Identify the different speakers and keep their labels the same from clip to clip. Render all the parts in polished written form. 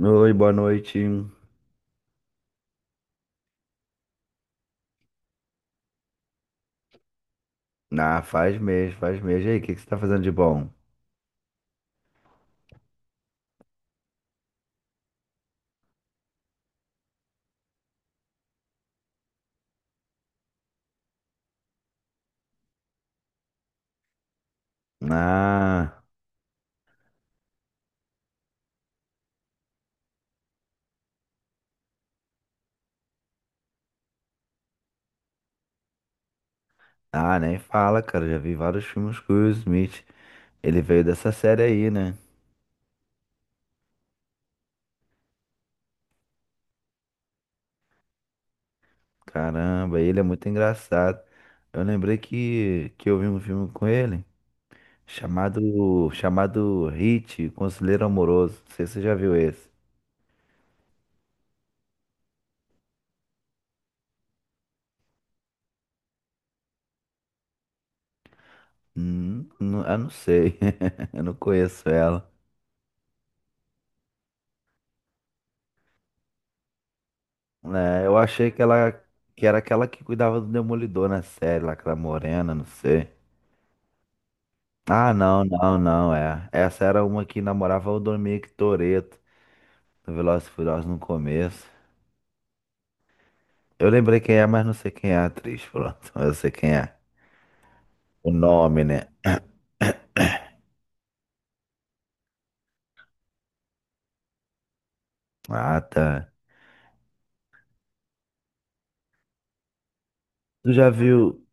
Speaker 1: Oi, boa noite. Ah, faz mês, faz mês. E aí, o que que você tá fazendo de bom? Ah, ah, nem fala, cara. Já vi vários filmes com o Will Smith. Ele veio dessa série aí, né? Caramba, ele é muito engraçado. Eu lembrei que eu vi um filme com ele chamado Hit, Conselheiro Amoroso. Não sei se você já viu esse. Não, eu não sei. Eu não conheço ela. É, eu achei que ela que era aquela que cuidava do Demolidor na série, lá, aquela morena, não sei. Ah, não, não, não, é. Essa era uma que namorava o Dominic Toretto, do Velozes e Furiosos no começo. Eu lembrei quem é, mas não sei quem é a atriz, pronto. Eu sei quem é. O nome, né? Ah, tá. Tu já viu...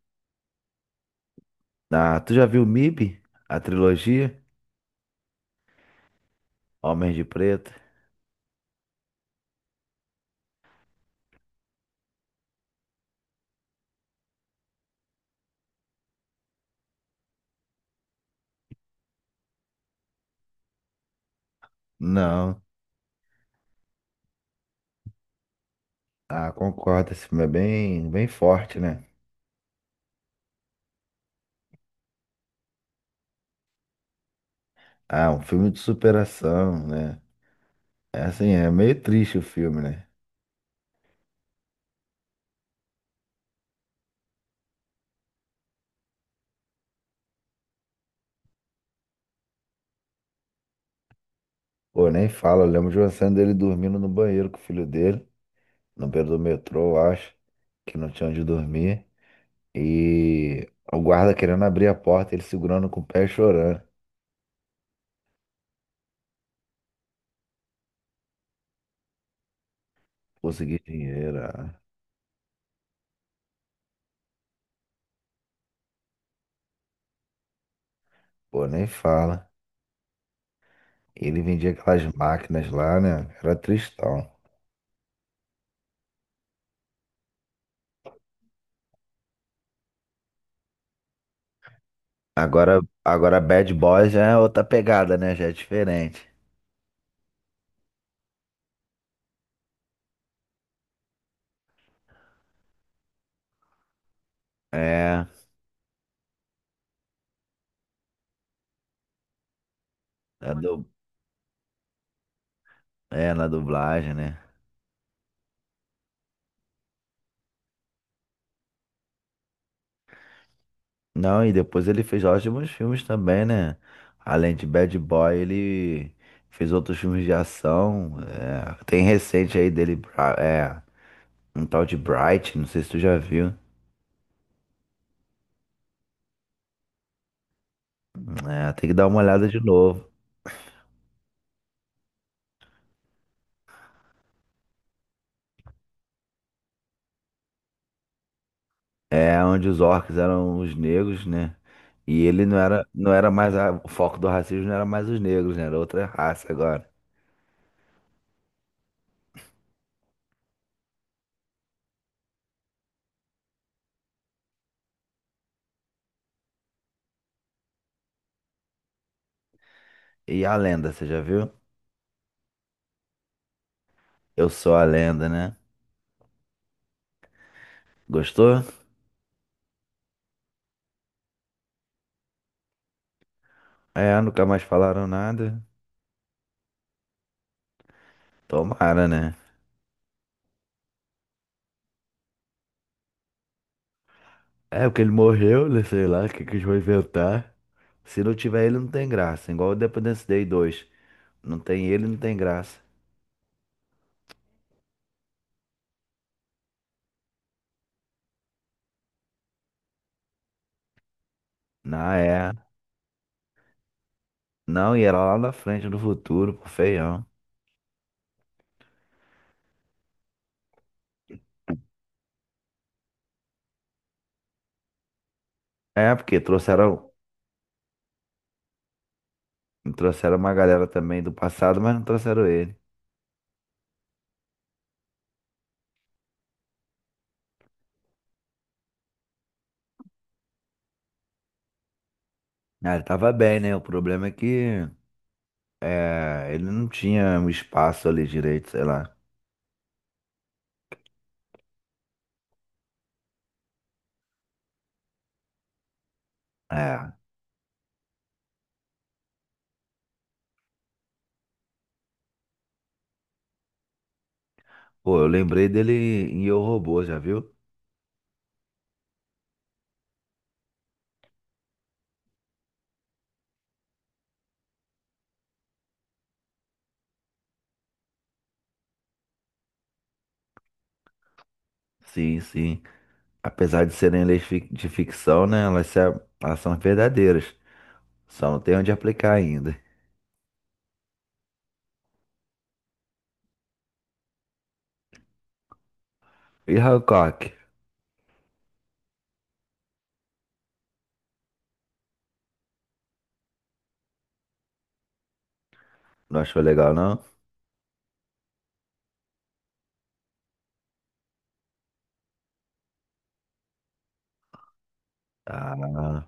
Speaker 1: Ah, tu já viu MIB? A trilogia? Homens de Preto? Não. Ah, concordo. Esse filme é bem, bem forte, né? Ah, um filme de superação, né? É assim, é meio triste o filme, né? Pô, nem fala, eu lembro de uma cena dele dormindo no banheiro com o filho dele, no beiro do metrô, eu acho, que não tinha onde dormir. E o guarda querendo abrir a porta, ele segurando com o pé e chorando. Conseguir dinheiro, ah. Pô, nem fala. Ele vendia aquelas máquinas lá, né? Era tristão. Agora Bad Boys já é outra pegada, né? Já é diferente. É, na, du... é, na dublagem, né? Não, e depois ele fez ótimos filmes também, né? Além de Bad Boy, ele fez outros filmes de ação. É, tem recente aí dele, Bra- é, um tal de Bright, não sei se tu já viu. É, tem que dar uma olhada de novo. É onde os orcs eram os negros, né? E ele não era, o foco do racismo não era mais os negros, né? Era outra raça agora. E a lenda, você já viu? Eu sou a lenda, né? Gostou? É, nunca mais falaram nada. Tomara, né? É, porque ele morreu, né, sei lá, o que que eles vão inventar. Se não tiver ele, não tem graça. Igual o Independence Day 2. Não tem ele, não tem graça. Não, é. Não, e era lá na frente, no futuro, pô, feião. É, porque trouxeram uma galera também do passado, mas não trouxeram ele. Ah, ele tava bem, né? O problema é que é, ele não tinha um espaço ali direito, sei lá. É. Pô, eu lembrei dele em Eu, Robô, já viu? Sim, sim. Apesar de serem leis fic- de ficção, né? Elas, se a- elas são verdadeiras. Só não tem onde aplicar ainda. E Hancock? Não achou legal, não? Ah,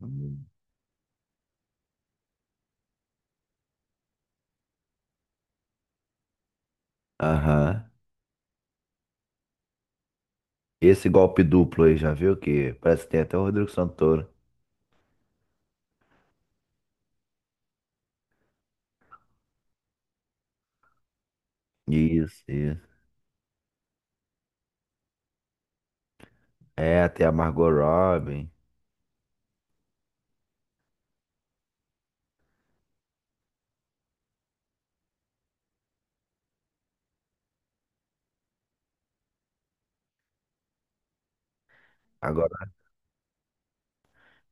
Speaker 1: hum, aham. Esse golpe duplo aí, já viu? Que parece que tem até o Rodrigo Santoro. Isso, isso. É, até a Margot Robbie. Agora,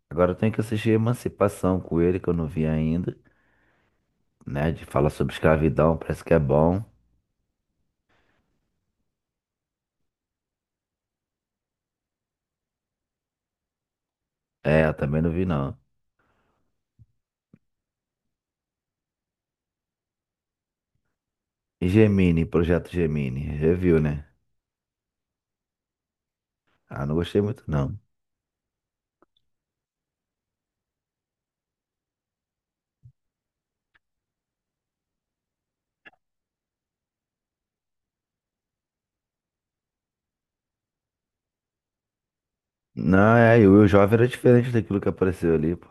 Speaker 1: agora eu tenho que assistir Emancipação com ele, que eu não vi ainda. Né? De falar sobre escravidão, parece que é bom. É, eu também não vi, não. E Gemini, Projeto Gemini. Reviu, né? Ah, não gostei muito, não. Não, é, e o jovem era diferente daquilo que apareceu ali, pô.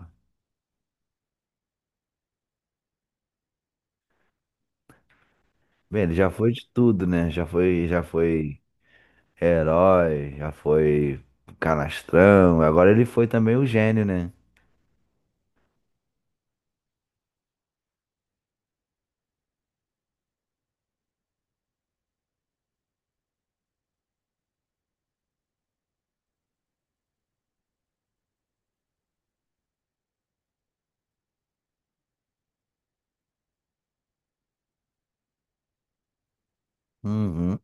Speaker 1: Bem, ele já foi de tudo, né? Já foi herói, já foi canastrão. Agora ele foi também o gênio, né? Uhum.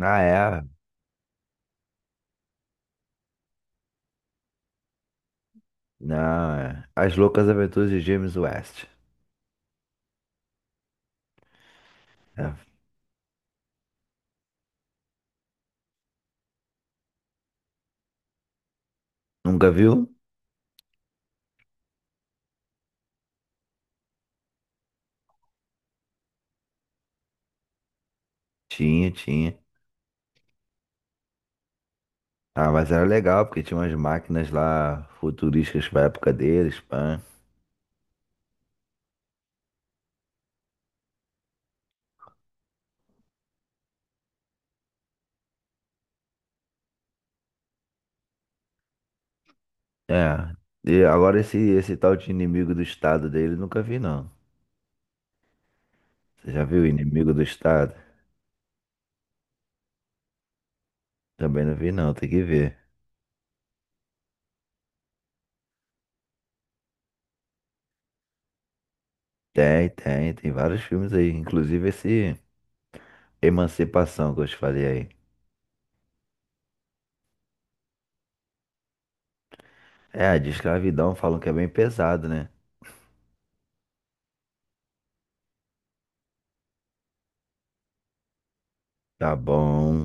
Speaker 1: Ah, é. Não, é. As Loucas Aventuras de James West. É. Nunca viu? Tinha, tinha. Ah, mas era legal, porque tinha umas máquinas lá futurísticas pra época deles, pã. É. E agora esse, esse tal de inimigo do estado dele, nunca vi, não. Você já viu Inimigo do Estado? Também não vi não, tem que ver. Tem, tem, tem vários filmes aí, inclusive esse Emancipação que eu te falei aí. É, de escravidão falam que é bem pesado, né? Tá bom.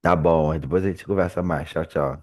Speaker 1: Tá bom, depois a gente conversa mais. Tchau, tchau.